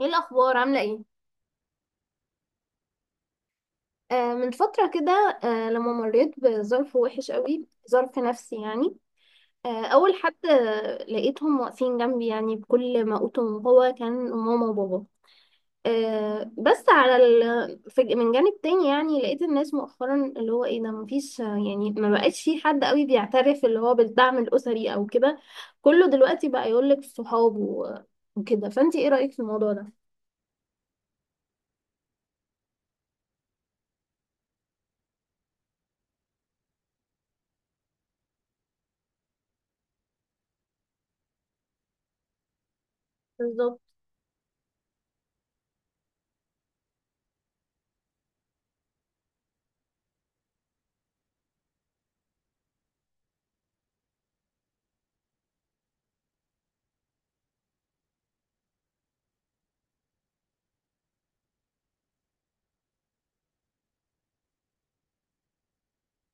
ايه الاخبار؟ عامله ايه؟ من فتره كده، لما مريت بظرف وحش قوي. ظرف نفسي يعني. اول حد لقيتهم واقفين جنبي، يعني بكل ما اوتهم هو كان ماما وبابا. بس من جانب تاني، يعني لقيت الناس مؤخرا اللي هو ايه ده، مفيش يعني ما بقاش في حد قوي بيعترف اللي هو بالدعم الاسري او كده. كله دلوقتي بقى يقولك صحاب وكده، فانت ايه رايك في الموضوع ده؟ بالظبط.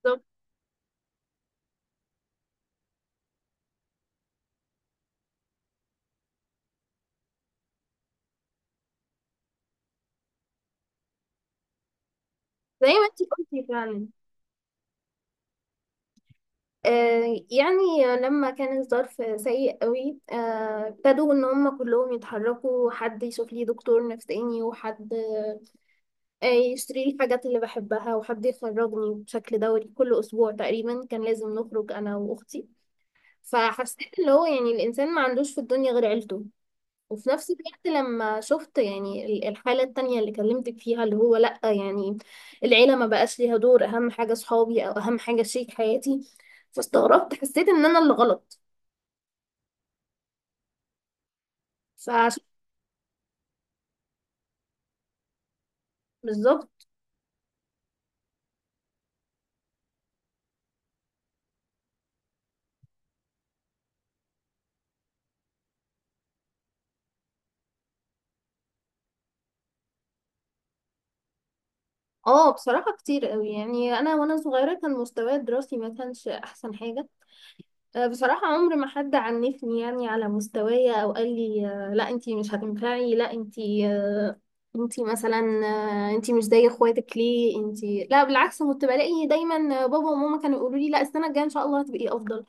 بالظبط. زي ما انت قلتي فعلا. يعني لما كان الظرف سيء قوي ابتدوا ان هم كلهم يتحركوا، حد يشوف لي دكتور نفساني، وحد يشتري لي الحاجات اللي بحبها، وحد يخرجني بشكل دوري، كل اسبوع تقريبا كان لازم نخرج انا واختي. فحسيت اللي هو يعني الانسان ما عندوش في الدنيا غير عيلته. وفي نفس الوقت لما شفت يعني الحالة التانية اللي كلمتك فيها، اللي هو لأ يعني العيلة ما بقاش ليها دور، أهم حاجة صحابي أو أهم حاجة شريك حياتي. فاستغربت، حسيت إن أنا اللي غلط. فعشان... بالظبط. اه، بصراحة كتير قوي. يعني أنا وأنا صغيرة كان مستواي الدراسي ما كانش أحسن حاجة. بصراحة عمر ما حد عنفني يعني على مستوايا، أو قال لي لا أنتي مش هتنفعي، لا أنتي، أنتي مثلا، أنتي مش زي اخواتك، ليه أنتي؟ لا، بالعكس كنت بلاقي دايما بابا وماما كانوا يقولوا لي لا، السنة الجاية إن شاء الله هتبقي أفضل.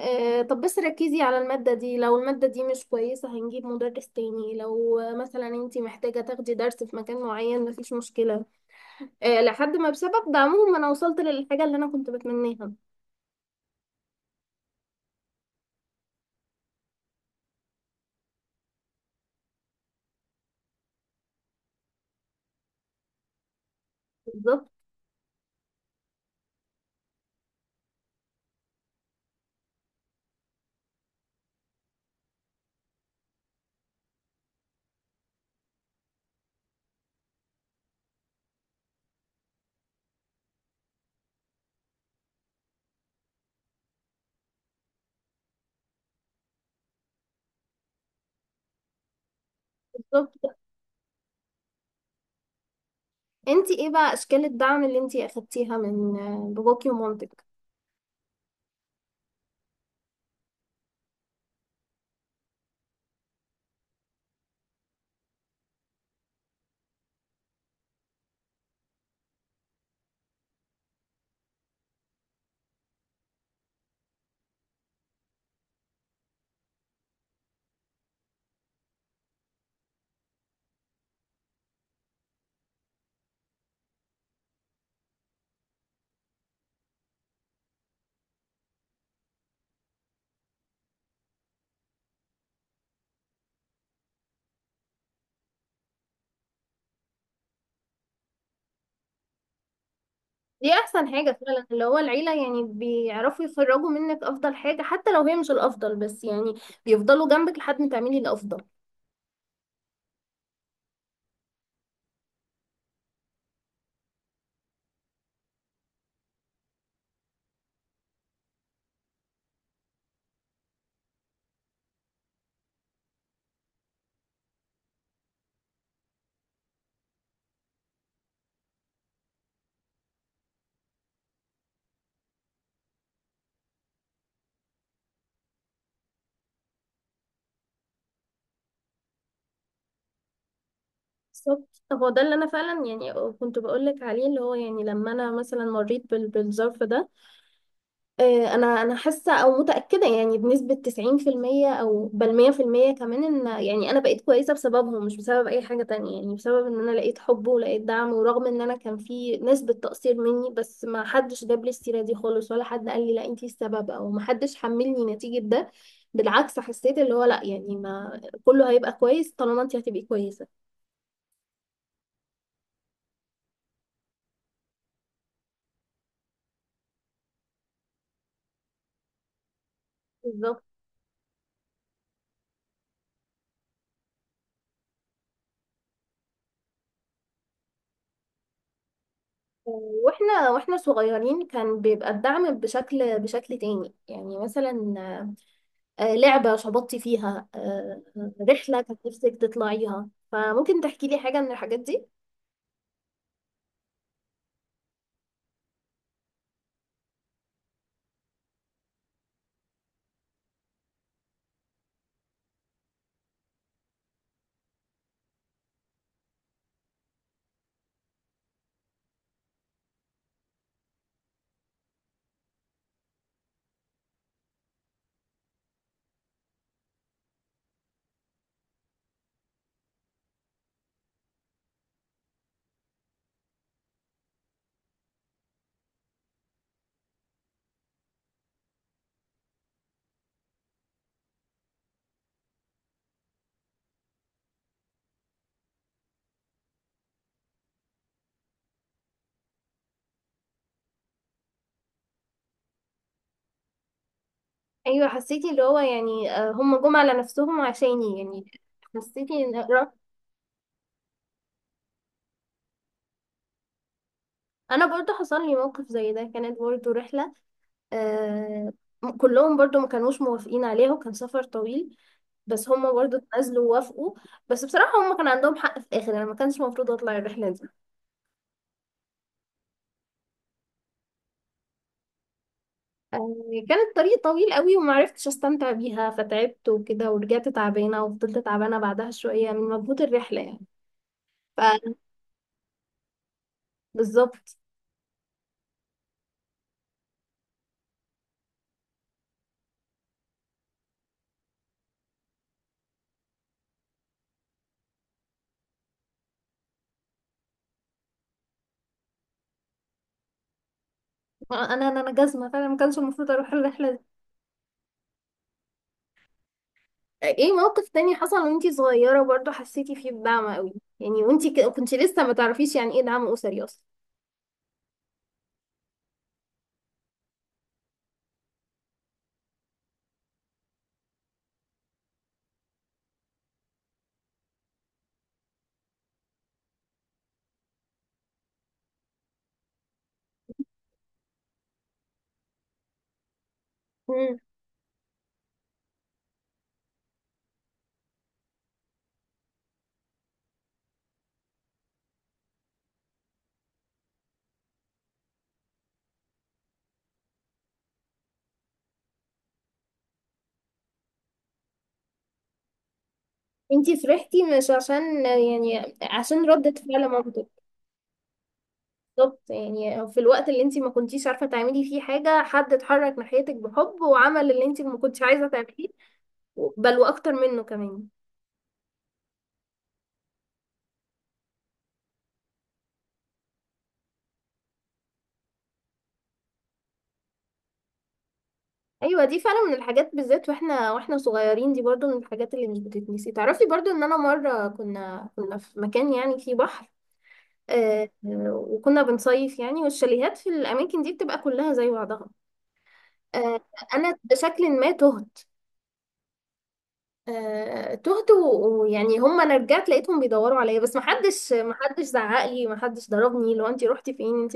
طب بس ركزي على المادة دي، لو المادة دي مش كويسة هنجيب مدرس تاني، لو مثلا أنتي محتاجة تاخدي درس في مكان معين مفيش مشكلة. لحد ما بسبب دعمهم أنا وصلت للحاجة اللي أنا كنت بتمناها. بالظبط. بالظبط. انتي ايه بقى اشكال الدعم اللي انتي اخدتيها من باباكي ومامتك؟ دي احسن حاجة فعلا، اللي هو العيلة يعني بيعرفوا يخرجوا منك افضل حاجة، حتى لو هي مش الافضل، بس يعني بيفضلوا جنبك لحد ما تعملي الافضل. بالظبط، هو ده اللي انا فعلا يعني كنت بقولك عليه، اللي هو يعني لما انا مثلا مريت بالظرف ده، انا حاسه او متاكده يعني بنسبه 90% او بل 100% كمان، ان يعني انا بقيت كويسه بسببهم مش بسبب اي حاجه تانية. يعني بسبب ان انا لقيت حب ولقيت دعم، ورغم ان انا كان في نسبه تقصير مني، بس ما حدش جاب لي السيره دي خالص، ولا حد قال لي لا انتي السبب، او ما حدش حملني نتيجه ده. بالعكس، حسيت اللي هو لا، يعني ما كله هيبقى كويس طالما انتي هتبقي كويسه. بالظبط. واحنا صغيرين كان بيبقى الدعم بشكل تاني، يعني مثلا لعبة شبطتي فيها، رحلة كانت نفسك تطلعيها، فممكن تحكي لي حاجة من الحاجات دي. أيوة، حسيتي اللي هو يعني هم جم على نفسهم عشاني يعني. حسيتي إن أنا برضو حصل لي موقف زي ده، كانت برضو رحلة. آه، كلهم برضو ما كانوش موافقين عليها، وكان سفر طويل، بس هم برضو اتنازلوا ووافقوا. بس بصراحة هم كان عندهم حق في الآخر، أنا ما كانش المفروض أطلع الرحلة دي. آه، كان الطريق طويل قوي ومعرفتش استمتع بيها، فتعبت وكده، ورجعت تعبانه وفضلت تعبانه بعدها شويه من مجهود الرحله يعني. فبالظبط. انا انا أنا جزمه فعلا ما كانش المفروض اروح الرحله دي. ايه موقف تاني حصل وانتي صغيره برضو حسيتي فيه بدعم قوي، يعني وانتي كنتي لسه ما تعرفيش يعني ايه دعم اسري اصلا؟ مم. انتي فرحتي مش عشان يعني عشان ردة فعل مامتك؟ بالظبط، يعني في الوقت اللي انت ما كنتيش عارفه تعملي فيه حاجه، حد اتحرك ناحيتك بحب وعمل اللي انت ما كنتش عايزه تعمليه، بل واكتر منه كمان. ايوه، دي فعلا من الحاجات، بالذات واحنا صغيرين، دي برضو من الحاجات اللي مش بتتنسي. تعرفي برضو ان انا مره كنا في مكان يعني فيه بحر، آه، وكنا بنصيف يعني، والشاليهات في الاماكن دي بتبقى كلها زي بعضها. آه، انا بشكل ما تهت. ويعني هم، انا رجعت لقيتهم بيدوروا عليا، بس محدش زعق لي، محدش ضربني لو انت رحتي فين انت.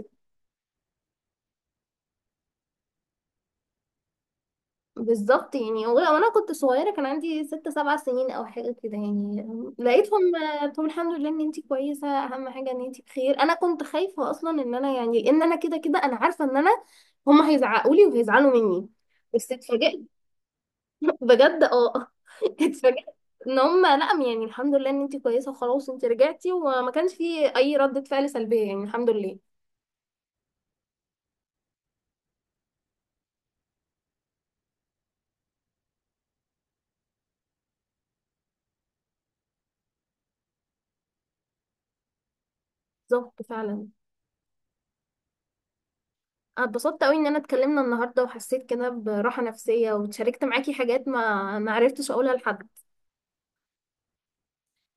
بالظبط، يعني وانا كنت صغيره كان عندي 6 7 سنين او حاجه كده يعني. لقيتهم، قلت لهم الحمد لله ان انت كويسه، اهم حاجه ان انت بخير. انا كنت خايفه اصلا ان انا يعني ان انا كده كده، انا عارفه ان انا هم هيزعقوا لي وهيزعلوا مني، بس اتفاجئت بجد. اه اتفاجئت ان هم لا، يعني الحمد لله ان انت كويسه وخلاص انت رجعتي، وما كانش في اي ردة فعل سلبيه يعني، الحمد لله. بالظبط فعلا. أنا اتبسطت قوي ان انا اتكلمنا النهارده، وحسيت كده براحه نفسيه، وشاركت معاكي حاجات ما عرفتش اقولها لحد.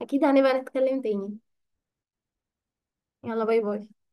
اكيد هنبقى نتكلم تاني. يلا، باي باي.